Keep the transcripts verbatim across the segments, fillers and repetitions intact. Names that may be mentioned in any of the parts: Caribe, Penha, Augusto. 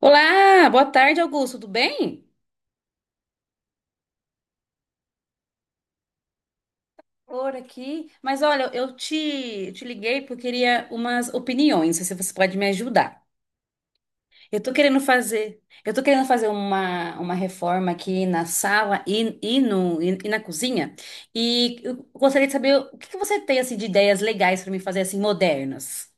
Olá, boa tarde, Augusto, tudo bem? Por aqui. Mas olha, eu te, te liguei porque eu queria umas opiniões, se você pode me ajudar. Eu tô querendo fazer, eu tô querendo fazer uma, uma reforma aqui na sala e, e, no, e, e na cozinha. E eu gostaria de saber o que que você tem assim, de ideias legais para me fazer assim, modernas.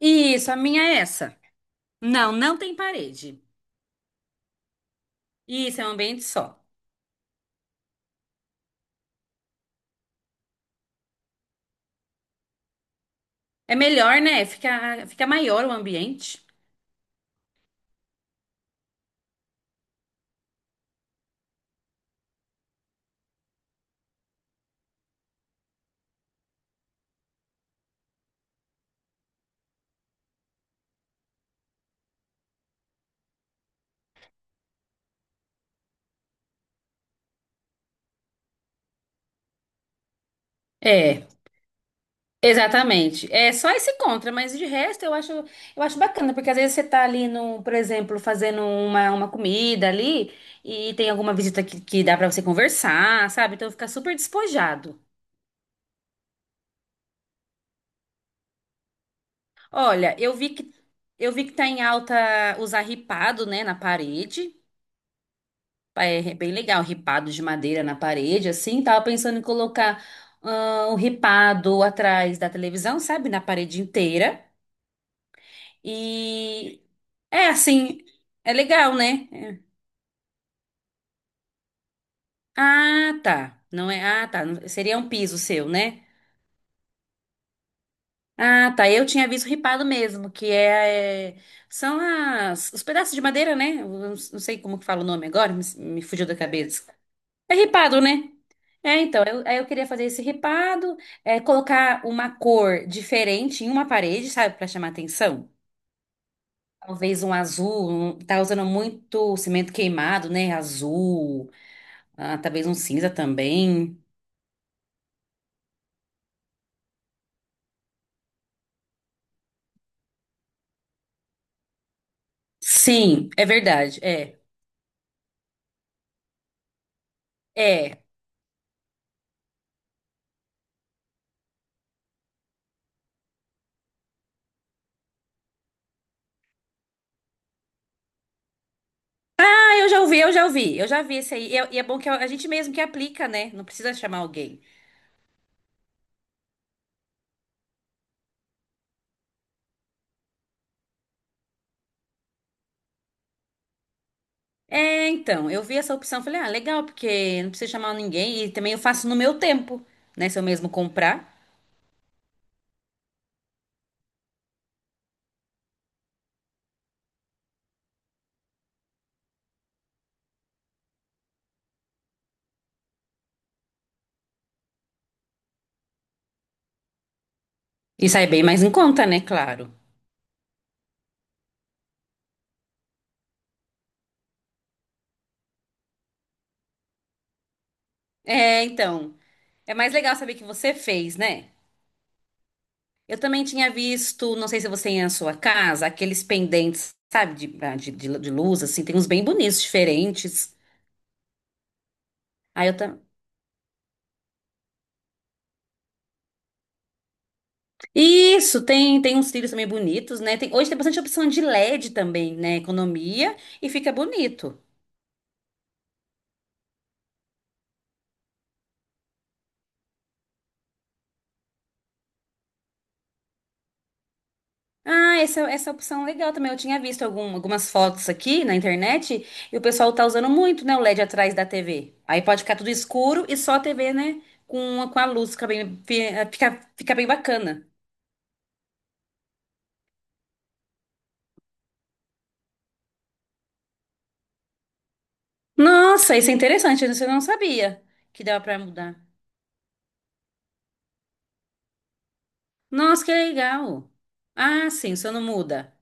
Isso, a minha é essa. Não, não tem parede. Isso, é um ambiente só. É melhor, né? Fica, fica maior o ambiente. É. Exatamente. É só esse contra, mas de resto eu acho, eu acho bacana, porque às vezes você tá ali no, por exemplo, fazendo uma, uma comida ali e tem alguma visita que, que dá pra você conversar, sabe? Então fica super despojado. Olha, eu vi que eu vi que tá em alta usar ripado, né, na parede. É é bem legal, ripado de madeira na parede, assim. Tava pensando em colocar ah, o ripado atrás da televisão, sabe? Na parede inteira. E é assim, é legal, né? Ah, tá. Não é? Ah, tá. Seria um piso seu, né? Ah, tá. Eu tinha visto ripado mesmo, que é, é- são as os pedaços de madeira, né? Eu não não sei como que fala o nome agora, me, me fugiu da cabeça. É ripado, né? É, então, eu, aí eu queria fazer esse ripado, é, colocar uma cor diferente em uma parede, sabe, pra chamar atenção. Talvez um azul, um- tá usando muito cimento queimado, né? Azul. Ah, talvez um cinza também. Sim, é verdade. É. É. Ah, eu já ouvi, eu já ouvi. Eu já vi esse aí. E é, e é bom que é, a gente mesmo que aplica, né? Não precisa chamar alguém. É, então, eu vi essa opção, falei, ah, legal, porque não precisa chamar ninguém e também eu faço no meu tempo, né? Se eu mesmo comprar. E sai bem mais em conta, né? Claro. É, então, é mais legal saber que você fez, né? Eu também tinha visto, não sei se você tem na sua casa, aqueles pendentes, sabe, de, ah, de, de de luz, assim, tem uns bem bonitos, diferentes. Aí eu também. Isso, tem, tem uns cílios também bonitos, né? Tem, hoje tem bastante opção de L E D também, né? Economia e fica bonito. Ah, essa, essa opção é legal também. Eu tinha visto algum- algumas fotos aqui na internet e o pessoal tá usando muito, né? O L E D atrás da T V. Aí pode ficar tudo escuro e só a T V, né? Com, com a luz, fica bem, fica, fica bem bacana. Nossa, isso é interessante. Isso eu não sabia que dava pra mudar. Nossa, que legal. Ah, sim, o não muda.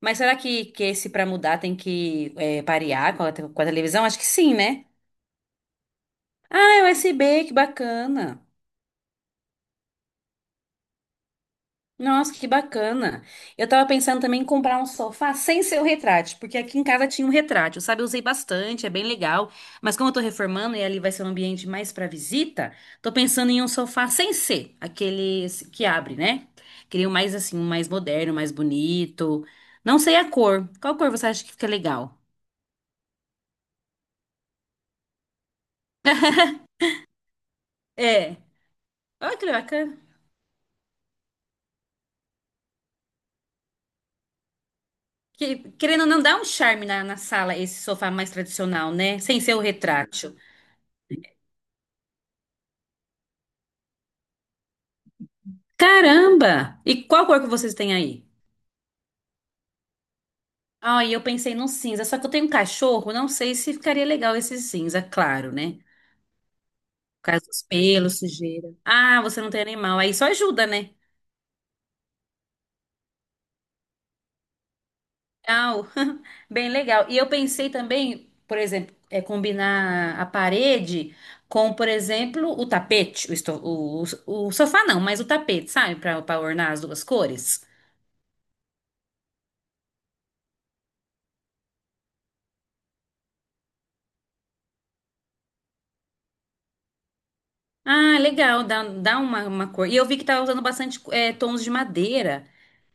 Mas será que, que esse para mudar tem que é, parear com a, te- com a televisão? Acho que sim, né? Ah, é U S B que bacana. Nossa, que bacana. Eu tava pensando também em comprar um sofá sem ser o retrátil, porque aqui em casa tinha um retrátil, sabe? Eu usei bastante, é bem legal. Mas como eu tô reformando e ali vai ser um ambiente mais para visita, tô pensando em um sofá sem ser, aquele que abre, né? Queria um mais assim, um mais moderno, mais bonito. Não sei a cor. Qual cor você acha que fica legal? É. Olha que bacana. Que, querendo ou não, dá um charme na, na sala esse sofá mais tradicional, né? Sem ser o retrátil. Caramba! E qual cor que vocês têm aí? Ai, eu pensei num cinza, só que eu tenho um cachorro, não sei se ficaria legal esse cinza, claro, né? Por causa dos pelos, sujeira. Ah, você não tem animal, aí só ajuda, né? Ah, bem legal. E eu pensei também, por exemplo, é combinar a parede com, por exemplo, o tapete, o, esto- o, o, o sofá não, mas o tapete, sabe? Para ornar as duas cores. Ah, legal, dá, dá uma, uma cor. E eu vi que tava usando bastante eh, tons de madeira.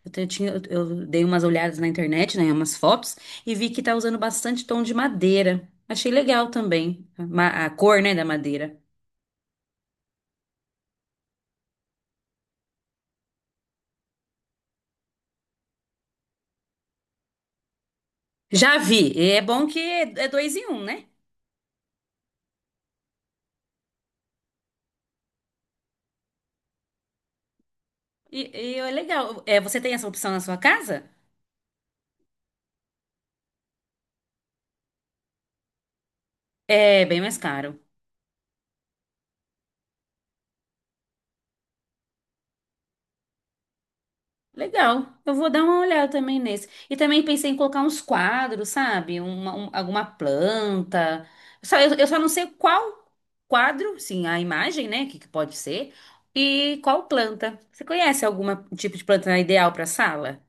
Eu, te- eu tinha, eu, eu dei umas olhadas na internet, né, umas fotos, e vi que tá usando bastante tom de madeira. Achei legal também, ma- a cor, né, da madeira. Já vi, e é bom que é dois em um, né? E, e é legal. É, você tem essa opção na sua casa? É bem mais caro. Legal, eu vou dar uma olhada também nesse. E também pensei em colocar uns quadros, sabe? Uma, um- alguma planta. Só, eu, eu só não sei qual quadro, sim, a imagem, né? Que, que pode ser. E qual planta. Você conhece algum tipo de planta ideal para sala?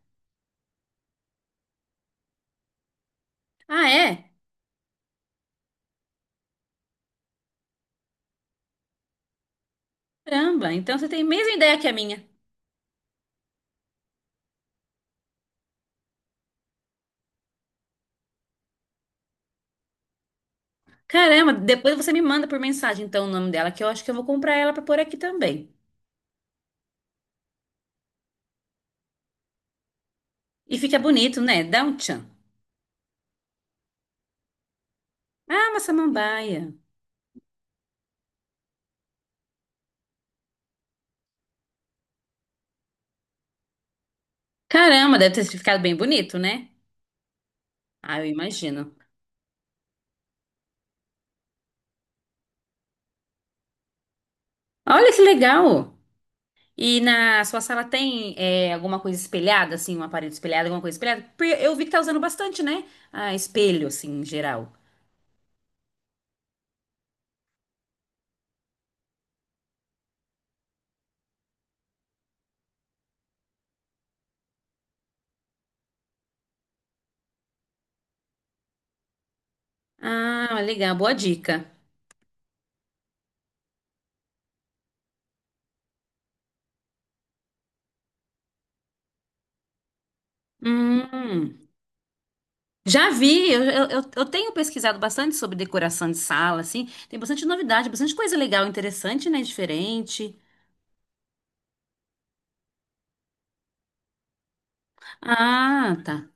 Ah, é? Caramba, então você tem a mesma ideia que a minha. Caramba, depois você me manda por mensagem, então, o nome dela, que eu acho que eu vou comprar ela para pôr aqui também. E fica bonito, né? Dá um tchan. Ah, uma samambaia. Caramba, deve ter ficado bem bonito, né? Ah, eu imagino. Olha que legal! E na sua sala tem é, alguma coisa espelhada, assim, um aparelho espelhado, alguma coisa espelhada? Porque eu vi que tá usando bastante, né? Ah, espelho, assim, em geral. Ah, legal, boa dica. Hum, já vi, eu, eu, eu eu tenho pesquisado bastante sobre decoração de sala, assim. Tem bastante novidade, bastante coisa legal, interessante, né? Diferente. Ah, tá.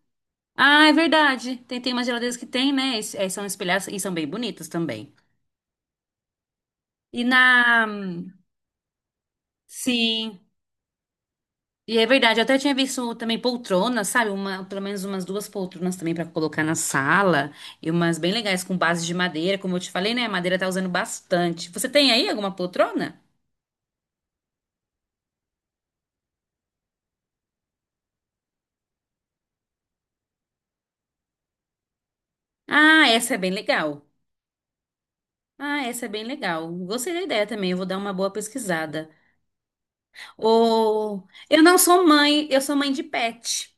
Ah, é verdade. Tem, tem umas geladeiras que tem, né? E, e são espelhadas e são bem bonitas também. E na. Sim. E é verdade, eu até tinha visto também poltronas, sabe? Uma, pelo menos umas duas poltronas também pra colocar na sala. E umas bem legais com base de madeira, como eu te falei, né? A madeira tá usando bastante. Você tem aí alguma poltrona? Ah, essa é bem legal. Ah, essa é bem legal. Gostei da ideia também, eu vou dar uma boa pesquisada. Ou eu não sou mãe, eu sou mãe de pet.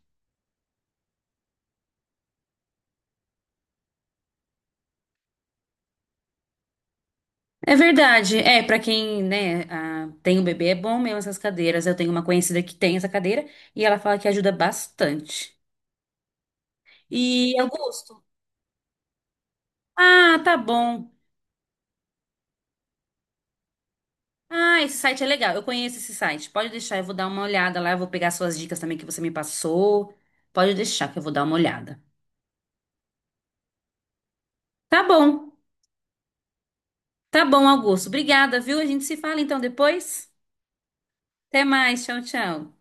É verdade. É, pra quem, né, ah, tem um bebê é bom mesmo essas cadeiras. Eu tenho uma conhecida que tem essa cadeira e ela fala que ajuda bastante. E Augusto, ah, tá bom. Ah, esse site é legal. Eu conheço esse site. Pode deixar, eu vou dar uma olhada lá. Eu vou pegar suas dicas também que você me passou. Pode deixar que eu vou dar uma olhada. Tá bom. Tá bom, Augusto. Obrigada, viu? A gente se fala então depois. Até mais. Tchau, tchau.